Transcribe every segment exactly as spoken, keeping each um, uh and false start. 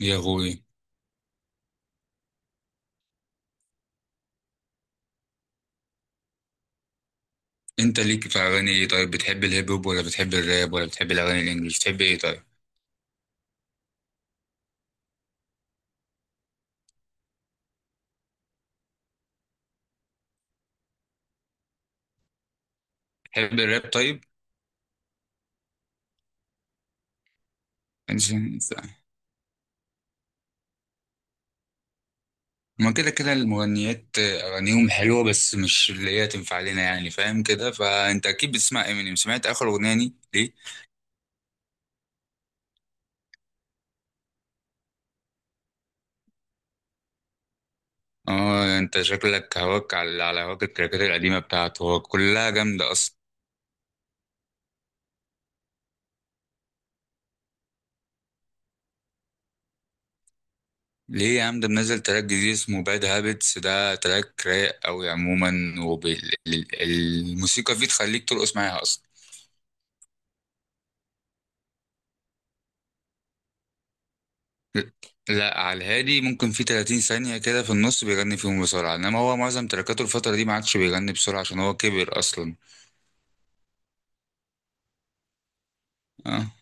يا اخوي، انت ليك في اغاني ايه؟ طيب، بتحب الهيب هوب ولا بتحب الراب ولا بتحب الاغاني الانجليش؟ بتحب ايه؟ طيب، بتحب الراب؟ طيب، عشان- ما كده كده المغنيات اغانيهم حلوه، بس مش اللي هي تنفع لنا، يعني فاهم كده. فانت اكيد بتسمع امينيم، سمعت اخر اغنيه دي ليه؟ اه، انت شكلك هواك على على هواك التراكات القديمه بتاعته، هو كلها جامده اصلا. ليه يا عم؟ ده منزل تراك جديد اسمه باد هابتس، ده تراك رايق قوي عموما، والموسيقى فيه تخليك ترقص معاها اصلا. لا، على الهادي، ممكن في 30 ثانية كده في النص بيغني فيهم بسرعة، انما هو معظم تركاته الفترة دي ما عادش بيغني بسرعة عشان هو كبر اصلا. اه.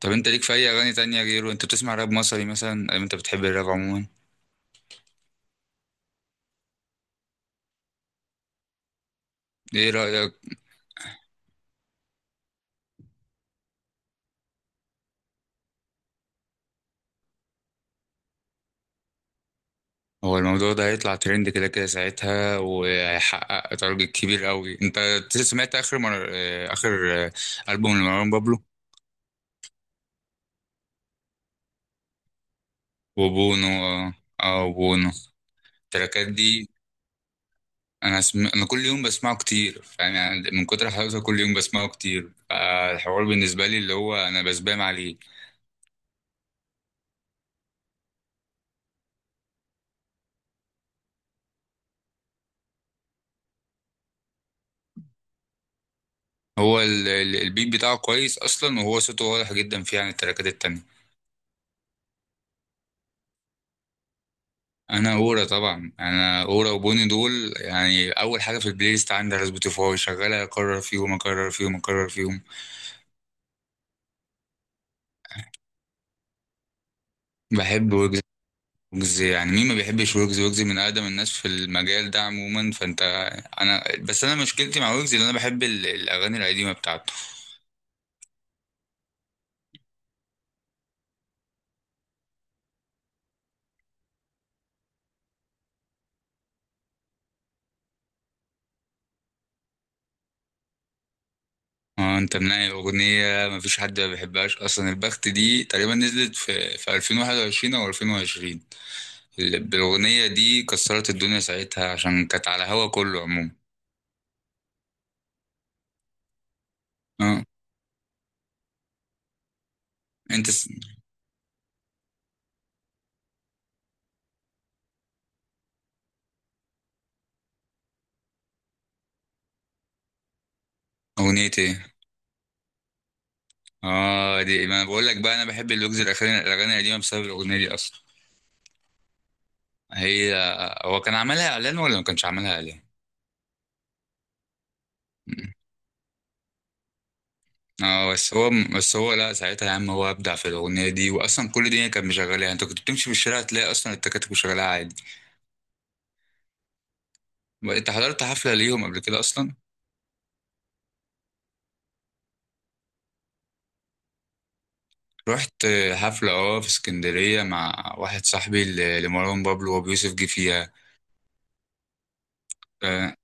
طب انت ليك في اي اغاني تانية غيره؟ انت بتسمع راب مصري مثلا، او انت بتحب الراب عموما؟ ايه رأيك؟ هو الموضوع ده هيطلع ترند كده كده ساعتها، وهيحقق تارجت كبير قوي. انت سمعت اخر مر... آه، اخر آه، ألبوم لمروان بابلو؟ وبونو، اه. آه، وبونو. التراكات دي انا سم... انا كل يوم بسمعه كتير، فاهم يعني؟ من كتر حلاوته كل يوم بسمعه كتير، فالحوار بالنسبه لي اللي هو انا بسبام عليه. هو ال... ال- البيت بتاعه كويس اصلا، وهو صوته واضح جدا فيه عن التراكات التانية. انا اورا طبعا، انا اورا وبوني دول يعني اول حاجه في البلاي ليست عندي على سبوتيفاي، شغاله اكرر فيهم اكرر فيهم اكرر فيهم. بحب ويجز. ويجز يعني مين ما بيحبش ويجز؟ ويجز من اقدم الناس في المجال ده عموما. فانت، انا بس، انا مشكلتي مع ويجز ان انا بحب ال- الاغاني القديمه بتاعته. اه، انت منقي الاغنيه، مفيش حد ما بيحبهاش اصلا. البخت دي تقريبا نزلت في في ألفين وواحد وعشرين او ألفين وعشرين. ال- بالاغنيه دي كسرت الدنيا ساعتها عشان كانت على هوا كله عموما. اه. انت س... اغنيه ايه؟ اه، دي ما انا بقول لك بقى، انا بحب اللوجز الاخراني الاغاني القديمه بسبب الاغنيه دي اصلا. هي، هو كان عملها اعلان ولا ما كانش عملها اعلان؟ اه. بس هو بس هو لا، ساعتها يا عم هو ابدع في الاغنيه دي، واصلا كل الدنيا كانت مشغلاها، انت كنت بتمشي في الشارع تلاقي اصلا التكاتك مشغلاها. انت حضرت حفلة ليهم قبل كده اصلا؟ رحت حفلة اه في اسكندرية مع واحد صاحبي ل- لمروان بابلو وابو يوسف جه فيها. آه،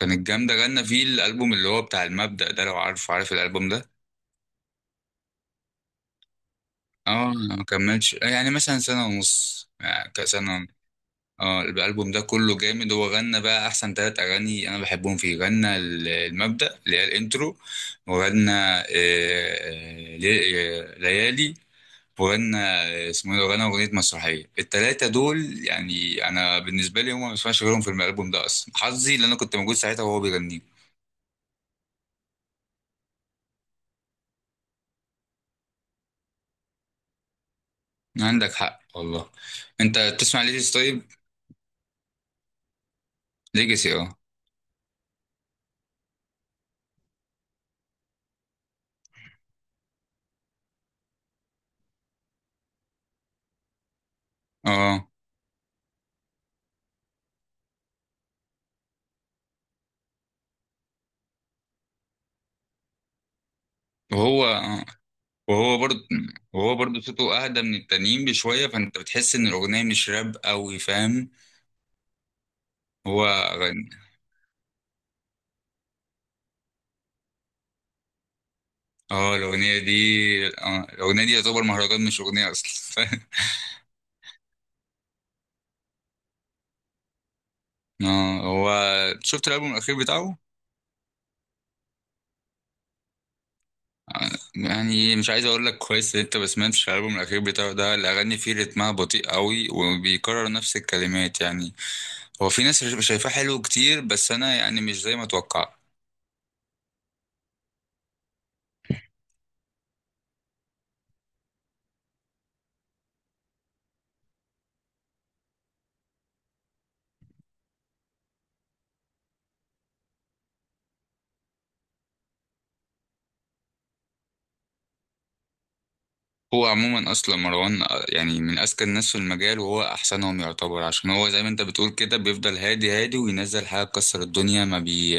كانت جامدة، غنى فيه الألبوم اللي هو بتاع المبدأ ده، لو عارف، عارف الألبوم ده؟ اه. ما كملش، آه، يعني مثلا سنة ونص، يعني كسنة. اه، الألبوم ده كله جامد، هو غنى بقى أحسن تلات أغاني أنا بحبهم فيه. غنى ال- المبدأ اللي هي الإنترو، وغنى آه، آه، لي- آه، ليالي، وغنى، اسمه ايه ده؟ وغنى اغنيه مسرحيه. التلاته دول يعني انا بالنسبه لي هم ما بسمعش غيرهم في الالبوم ده اصلا. حظي لان انا كنت موجود ساعتها وهو بيغنيه. عندك حق والله. انت بتسمع ليجاسي طيب؟ ليجاسي، اه، اه. وهو آه. وهو برضه وهو برضه صوته اهدى من التانيين بشويه، فانت بتحس ان الاغنيه مش راب قوي، فاهم؟ هو غني. اه الاغنيه دي، اه الاغنيه دي يعتبر مهرجان مش اغنيه اصلا اه، هو، شفت الالبوم الاخير بتاعه؟ يعني مش عايز اقول لك كويس ان انت ما سمعتش الالبوم الاخير بتاعه، ده الاغاني فيه رتمها بطيء قوي، وبيكرر نفس الكلمات يعني. هو في ناس شايفاه حلو كتير، بس انا يعني مش زي ما اتوقع. هو عموما اصلا مروان، آه، يعني من اذكى الناس في المجال، وهو احسنهم يعتبر عشان هو زي ما انت بتقول كده بيفضل هادي هادي وينزل حاجه تكسر الدنيا. ما بي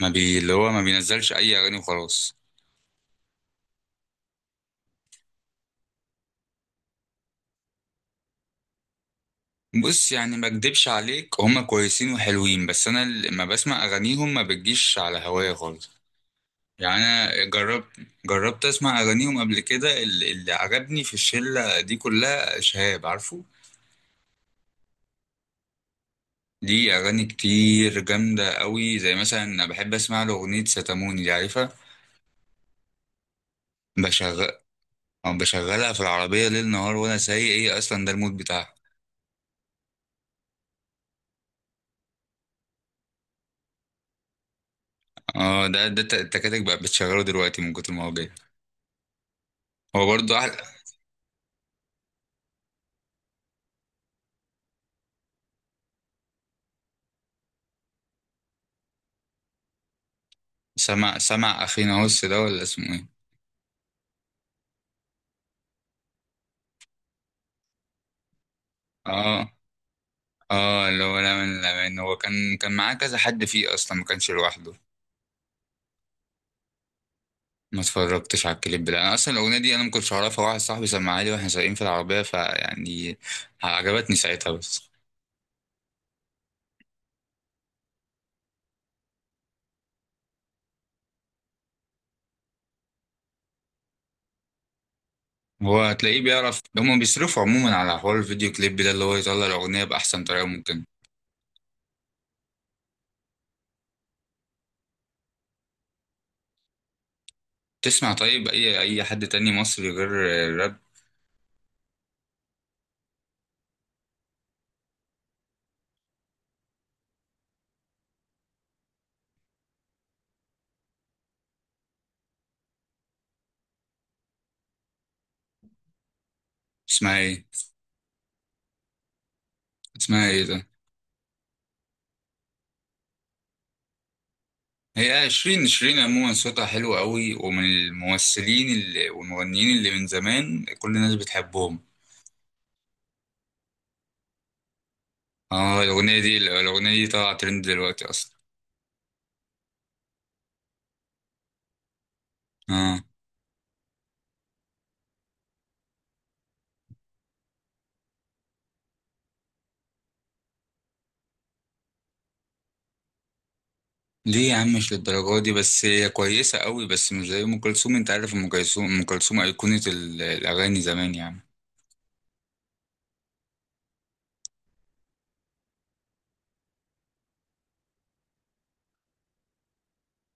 ما بي اللي هو ما بينزلش اي اغاني وخلاص. بص، يعني ما اكدبش عليك، هما كويسين وحلوين، بس انا لما بسمع اغانيهم ما بتجيش على هوايا خالص. يعني انا جربت، جربت اسمع اغانيهم قبل كده. ال- اللي عجبني في الشله دي كلها شهاب، عارفه؟ دي اغاني كتير جامده قوي، زي مثلا انا بحب اسمع له اغنيه ستاموني، دي عارفها؟ بشغل أو بشغلها في العربيه ليل نهار وانا سايق، ايه اصلا ده المود بتاعها. اه ده ده الت- التكاتك بقى بتشغله دلوقتي من كتر ما هو جاي. هو برضه احلى. سمع سمع اخينا هوس ده ولا اسمه ايه؟ اه، اه، اللي هو لا من لا من، هو كان كان معاه كذا حد فيه اصلا، ما كانش لوحده. ما اتفرجتش على الكليب ده، انا اصلا الاغنيه دي انا ما كنتش اعرفها، واحد صاحبي سمعها لي واحنا سايقين في العربيه، فيعني عجبتني ساعتها بس. هو هتلاقيه بيعرف، هما بيصرفوا عموما على حوار الفيديو كليب ده اللي هو يطلع الاغنيه باحسن طريقه ممكن. تسمع طيب اي اي حد تاني مصري غير الراب؟ اسمها ايه؟ اسمها ايه ده؟ هي شيرين، شيرين عموما صوتها حلو قوي، ومن الممثلين اللي والمغنيين اللي من زمان كل الناس بتحبهم. اه، الاغنيه دي، الاغنيه دي طالعه ترند دلوقتي اصلا. اه. ليه يا عم؟ مش للدرجة دي، بس هي كويسة قوي، بس مش زي أم كلثوم. أنت عارف أم كلثوم، أم كلثوم أيقونة ال- الأغاني زمان يعني.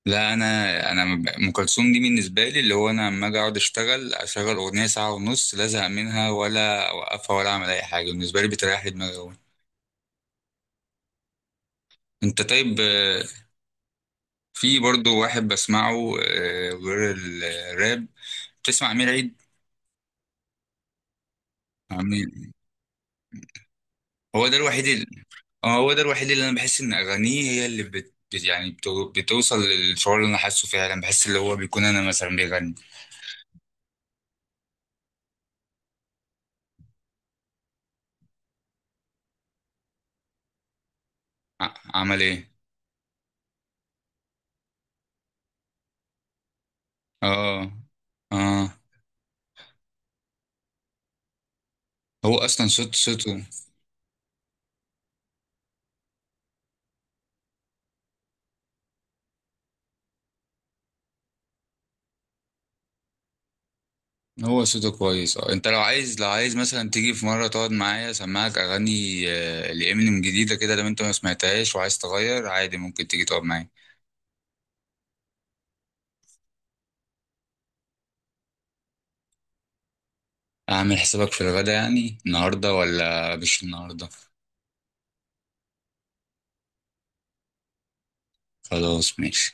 لا، أنا، أنا م- أم كلثوم دي بالنسبة لي اللي هو أنا لما أجي أقعد أشتغل أشغل أغنية ساعة ونص لا أزهق منها ولا أوقفها ولا أعمل أي حاجة، بالنسبة لي بتريح لي دماغي أوي. أنت طيب، آه، في برضو واحد بسمعه آه، غير الراب. بتسمع أمير عيد؟ أمير، هو ده الوحيد. اه، هو ده الوحيد اللي انا بحس ان اغانيه هي اللي بت بت- يعني بتو- بتوصل للشعور اللي انا حاسه فعلا، بحس اللي هو بيكون انا مثلا بيغني. ع- عمل ايه؟ اه. اه، هو اصلا صوت صوته، هو صوته كويس. اه، انت لو عايز، لو عايز مثلا تيجي في مره تقعد معايا اسمعك اغاني آه، لامينيم جديده كده، لو انت ما سمعتهاش وعايز تغير عادي ممكن تيجي تقعد معايا. اعمل حسابك في الغدا يعني، النهارده ولا مش النهارده؟ خلاص، ماشي.